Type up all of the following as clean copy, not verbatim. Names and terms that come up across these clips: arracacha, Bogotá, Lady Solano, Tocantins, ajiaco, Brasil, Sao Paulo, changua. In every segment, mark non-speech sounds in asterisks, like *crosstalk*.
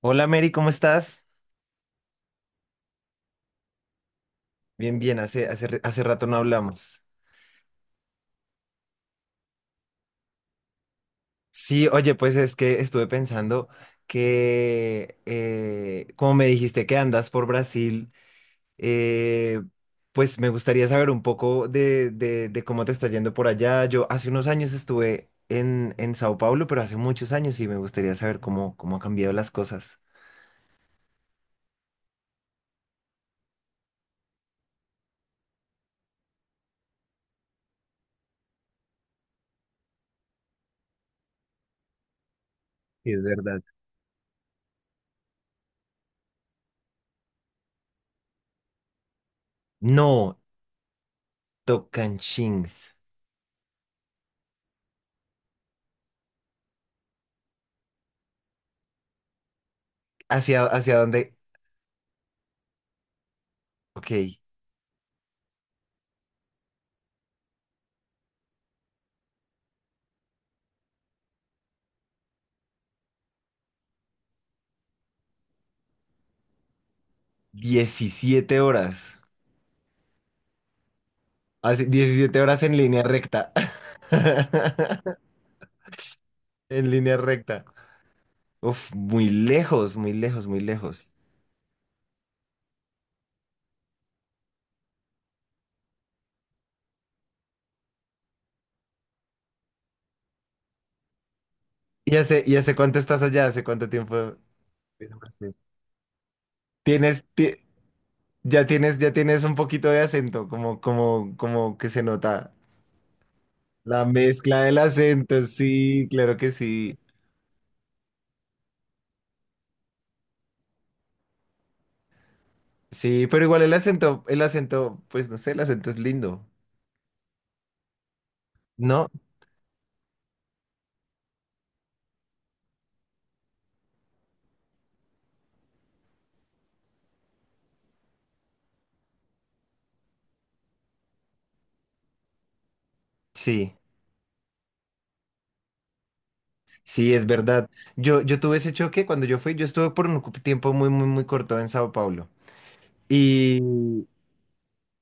Hola Mary, ¿cómo estás? Bien, bien, hace rato no hablamos. Sí, oye, pues es que estuve pensando que, como me dijiste que andas por Brasil, eh, pues me gustaría saber un poco de cómo te está yendo por allá. Yo hace unos años estuve en Sao Paulo, pero hace muchos años y me gustaría saber cómo han cambiado las cosas. Sí, es verdad. No, Tocantins. ¿Hacia dónde? Ok, 17 horas. Así, 17 horas en línea recta. *laughs* En línea recta. Uf, muy lejos, muy lejos, muy lejos. ¿Y hace cuánto estás allá? ¿Hace cuánto tiempo? Tienes, ti- ya tienes un poquito de acento, como que se nota la mezcla del acento, sí, claro que sí. Sí, pero igual el acento, pues no sé, el acento es lindo, ¿no? Sí. Sí, es verdad. Yo tuve ese choque cuando yo fui, yo estuve por un tiempo muy, muy, muy corto en Sao Paulo. Y,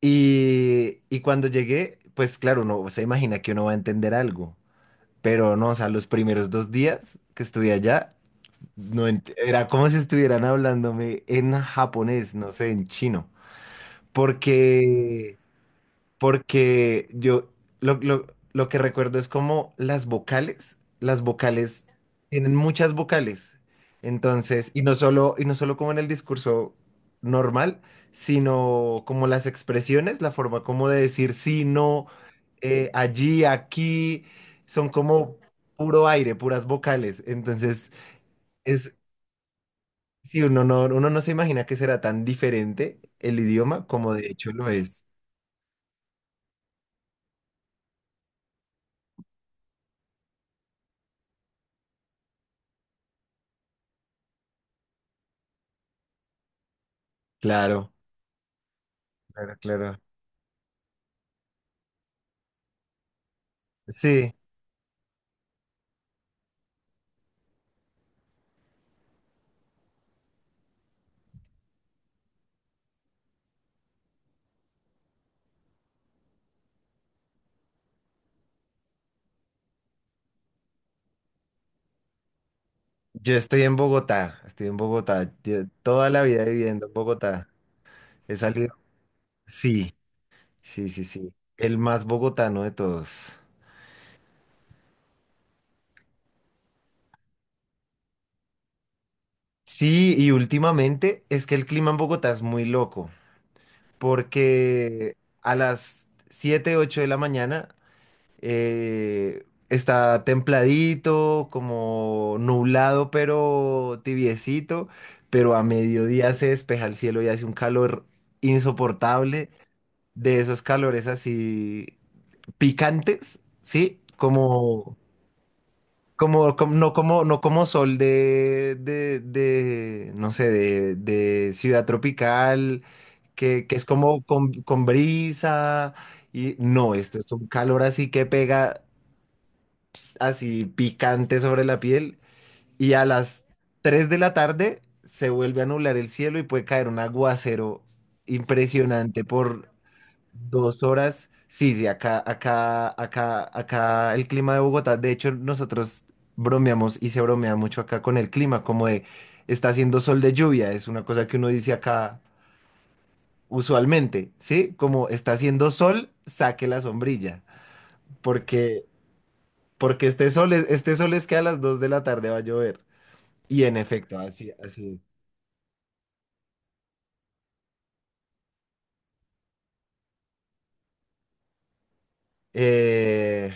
y cuando llegué, pues claro, uno se imagina que uno va a entender algo, pero no, o sea, los primeros 2 días que estuve allá, era como si estuvieran hablándome en japonés, no sé, en chino. Mm. porque, porque yo lo, lo- lo que recuerdo es como las vocales tienen muchas vocales. Entonces, y no solo como en el discurso normal, sino como las expresiones, la forma como de decir sí, no, allí, aquí, son como puro aire, puras vocales. Entonces, es, si uno no se imagina que será tan diferente el idioma como de hecho lo es. Claro, claro, claro. Sí. Yo estoy en Bogotá, estoy en Bogotá. Yo toda la vida viviendo en Bogotá. He salido. Sí, sí, sí, sí. El más bogotano de todos. Sí, y últimamente es que el clima en Bogotá es muy loco, porque a las 7, 8 de la mañana está templadito, como nublado, pero tibiecito, pero a mediodía se despeja el cielo y hace un calor insoportable. De esos calores así picantes, ¿sí? No como sol de, no sé, de ciudad tropical, que es como con brisa, y no, esto es un calor así que pega así picante sobre la piel, y a las 3 de la tarde se vuelve a nublar el cielo y puede caer un aguacero impresionante por 2 horas. Sí, sí, acá el clima de Bogotá. De hecho, nosotros bromeamos y se bromea mucho acá con el clima, como de está haciendo sol de lluvia. Es una cosa que uno dice acá usualmente, ¿sí? Como está haciendo sol, saque la sombrilla. Porque, porque este sol es que a las 2 de la tarde va a llover. Y en efecto, así, así. Eh,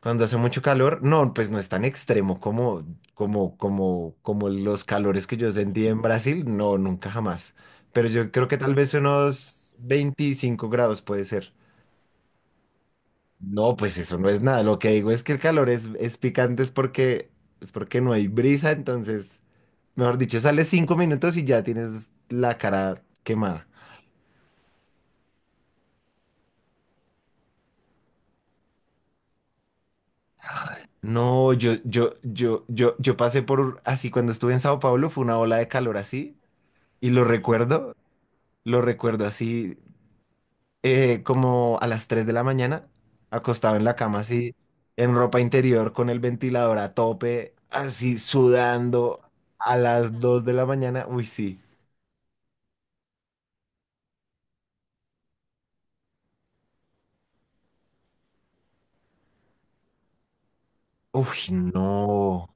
Cuando hace mucho calor, no, pues no es tan extremo como los calores que yo sentí en Brasil, no, nunca jamás. Pero yo creo que tal vez unos 25 grados puede ser. No, pues eso no es nada. Lo que digo es que el calor es picante, es porque no hay brisa, entonces, mejor dicho, sales 5 minutos y ya tienes la cara quemada. No, yo pasé por así cuando estuve en Sao Paulo, fue una ola de calor así, y lo recuerdo así, como a las 3 de la mañana, acostado en la cama así, en ropa interior, con el ventilador a tope, así sudando a las 2 de la mañana. Uy, sí. Uy, no.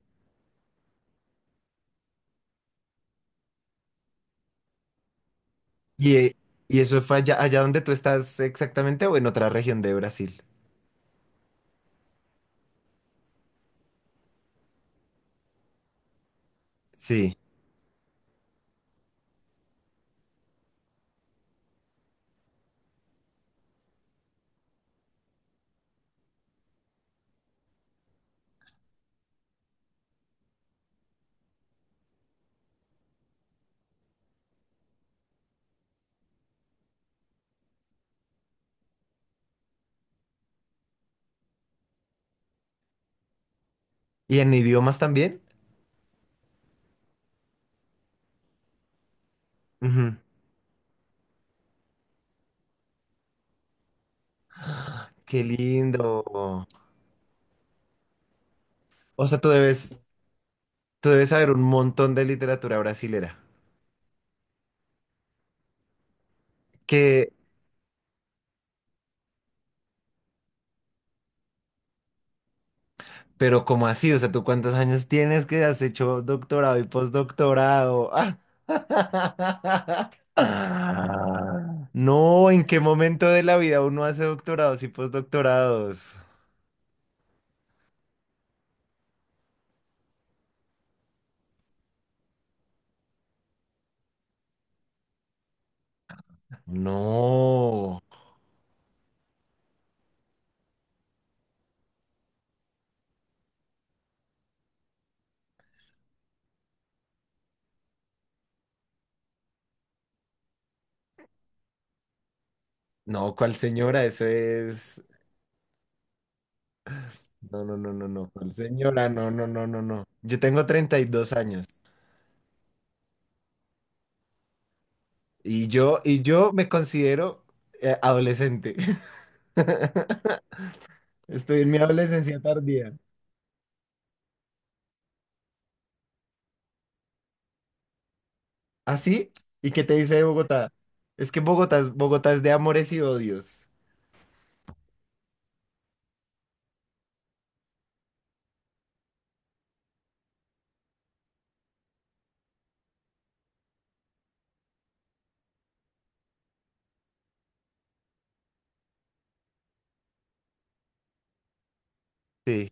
¿Y, eh, y eso fue allá donde tú estás exactamente o en otra región de Brasil? Sí. ¿Y en idiomas también? Ujú. Qué lindo. O sea, tú debes saber un montón de literatura brasilera. Que pero ¿cómo así? O sea, ¿tú cuántos años tienes que has hecho doctorado y postdoctorado? *laughs* Ah. No, ¿en qué momento de la vida uno hace doctorados y postdoctorados? No, no, ¿cuál señora? Eso es... No, no, no, no, no, ¿cuál señora? No, no, no, no, no. Yo tengo 32 años yo me considero adolescente. *laughs* Estoy en mi adolescencia tardía. ¿Así? ¿Y qué te dice de Bogotá? Es que Bogotá es de amores y odios. Sí,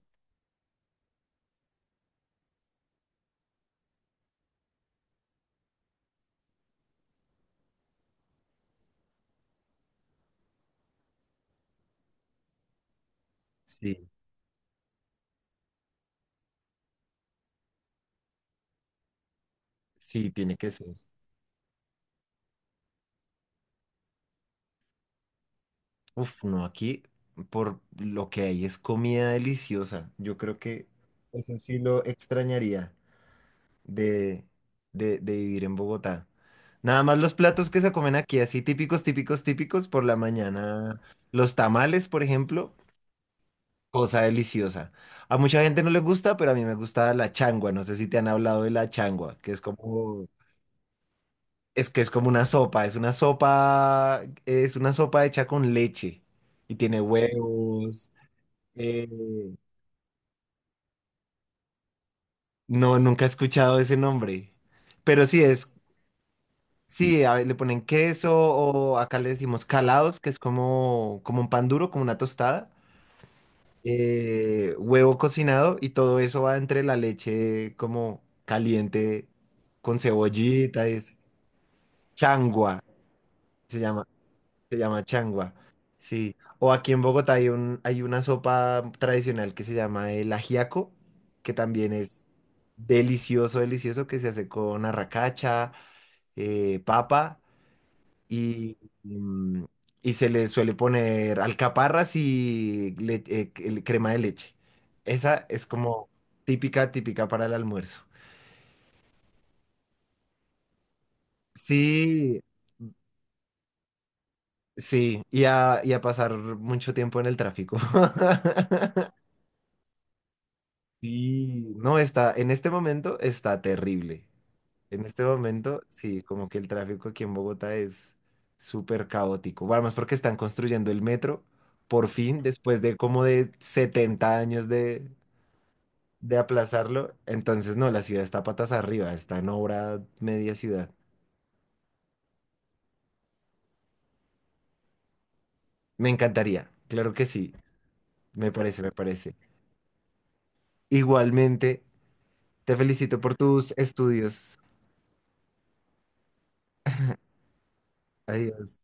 sí, sí, tiene que ser. Uf, no, aquí por lo que hay es comida deliciosa. Yo creo que eso sí lo extrañaría de, de vivir en Bogotá. Nada más los platos que se comen aquí, así típicos, típicos, típicos, por la mañana. Los tamales, por ejemplo. Cosa deliciosa. A mucha gente no le gusta, pero a mí me gusta la changua. No sé si te han hablado de la changua, que es que es como una sopa. Es una sopa hecha con leche y tiene huevos. eh, no, nunca he escuchado ese nombre. Pero sí, a ver, le ponen queso o acá le decimos calados, que es como un pan duro, como una tostada. Huevo cocinado y todo eso va entre la leche como caliente con cebollita, es changua, se llama, se llama changua, sí. O aquí en Bogotá hay una sopa tradicional que se llama el ajiaco, que también es delicioso, delicioso, que se hace con arracacha, papa y, y, mm, y se le suele poner alcaparras y crema de leche. Esa es como típica, típica para el almuerzo. Sí, sí, y a pasar mucho tiempo en el tráfico. *laughs* Sí, no está, en este momento está terrible. En este momento, sí, como que el tráfico aquí en Bogotá es súper caótico. Bueno, más porque están construyendo el metro, por fin, después de como de 70 años de aplazarlo. Entonces, no, la ciudad está patas arriba, está en obra media ciudad. Me encantaría, claro que sí, me parece, me parece. Igualmente, te felicito por tus estudios. Adiós.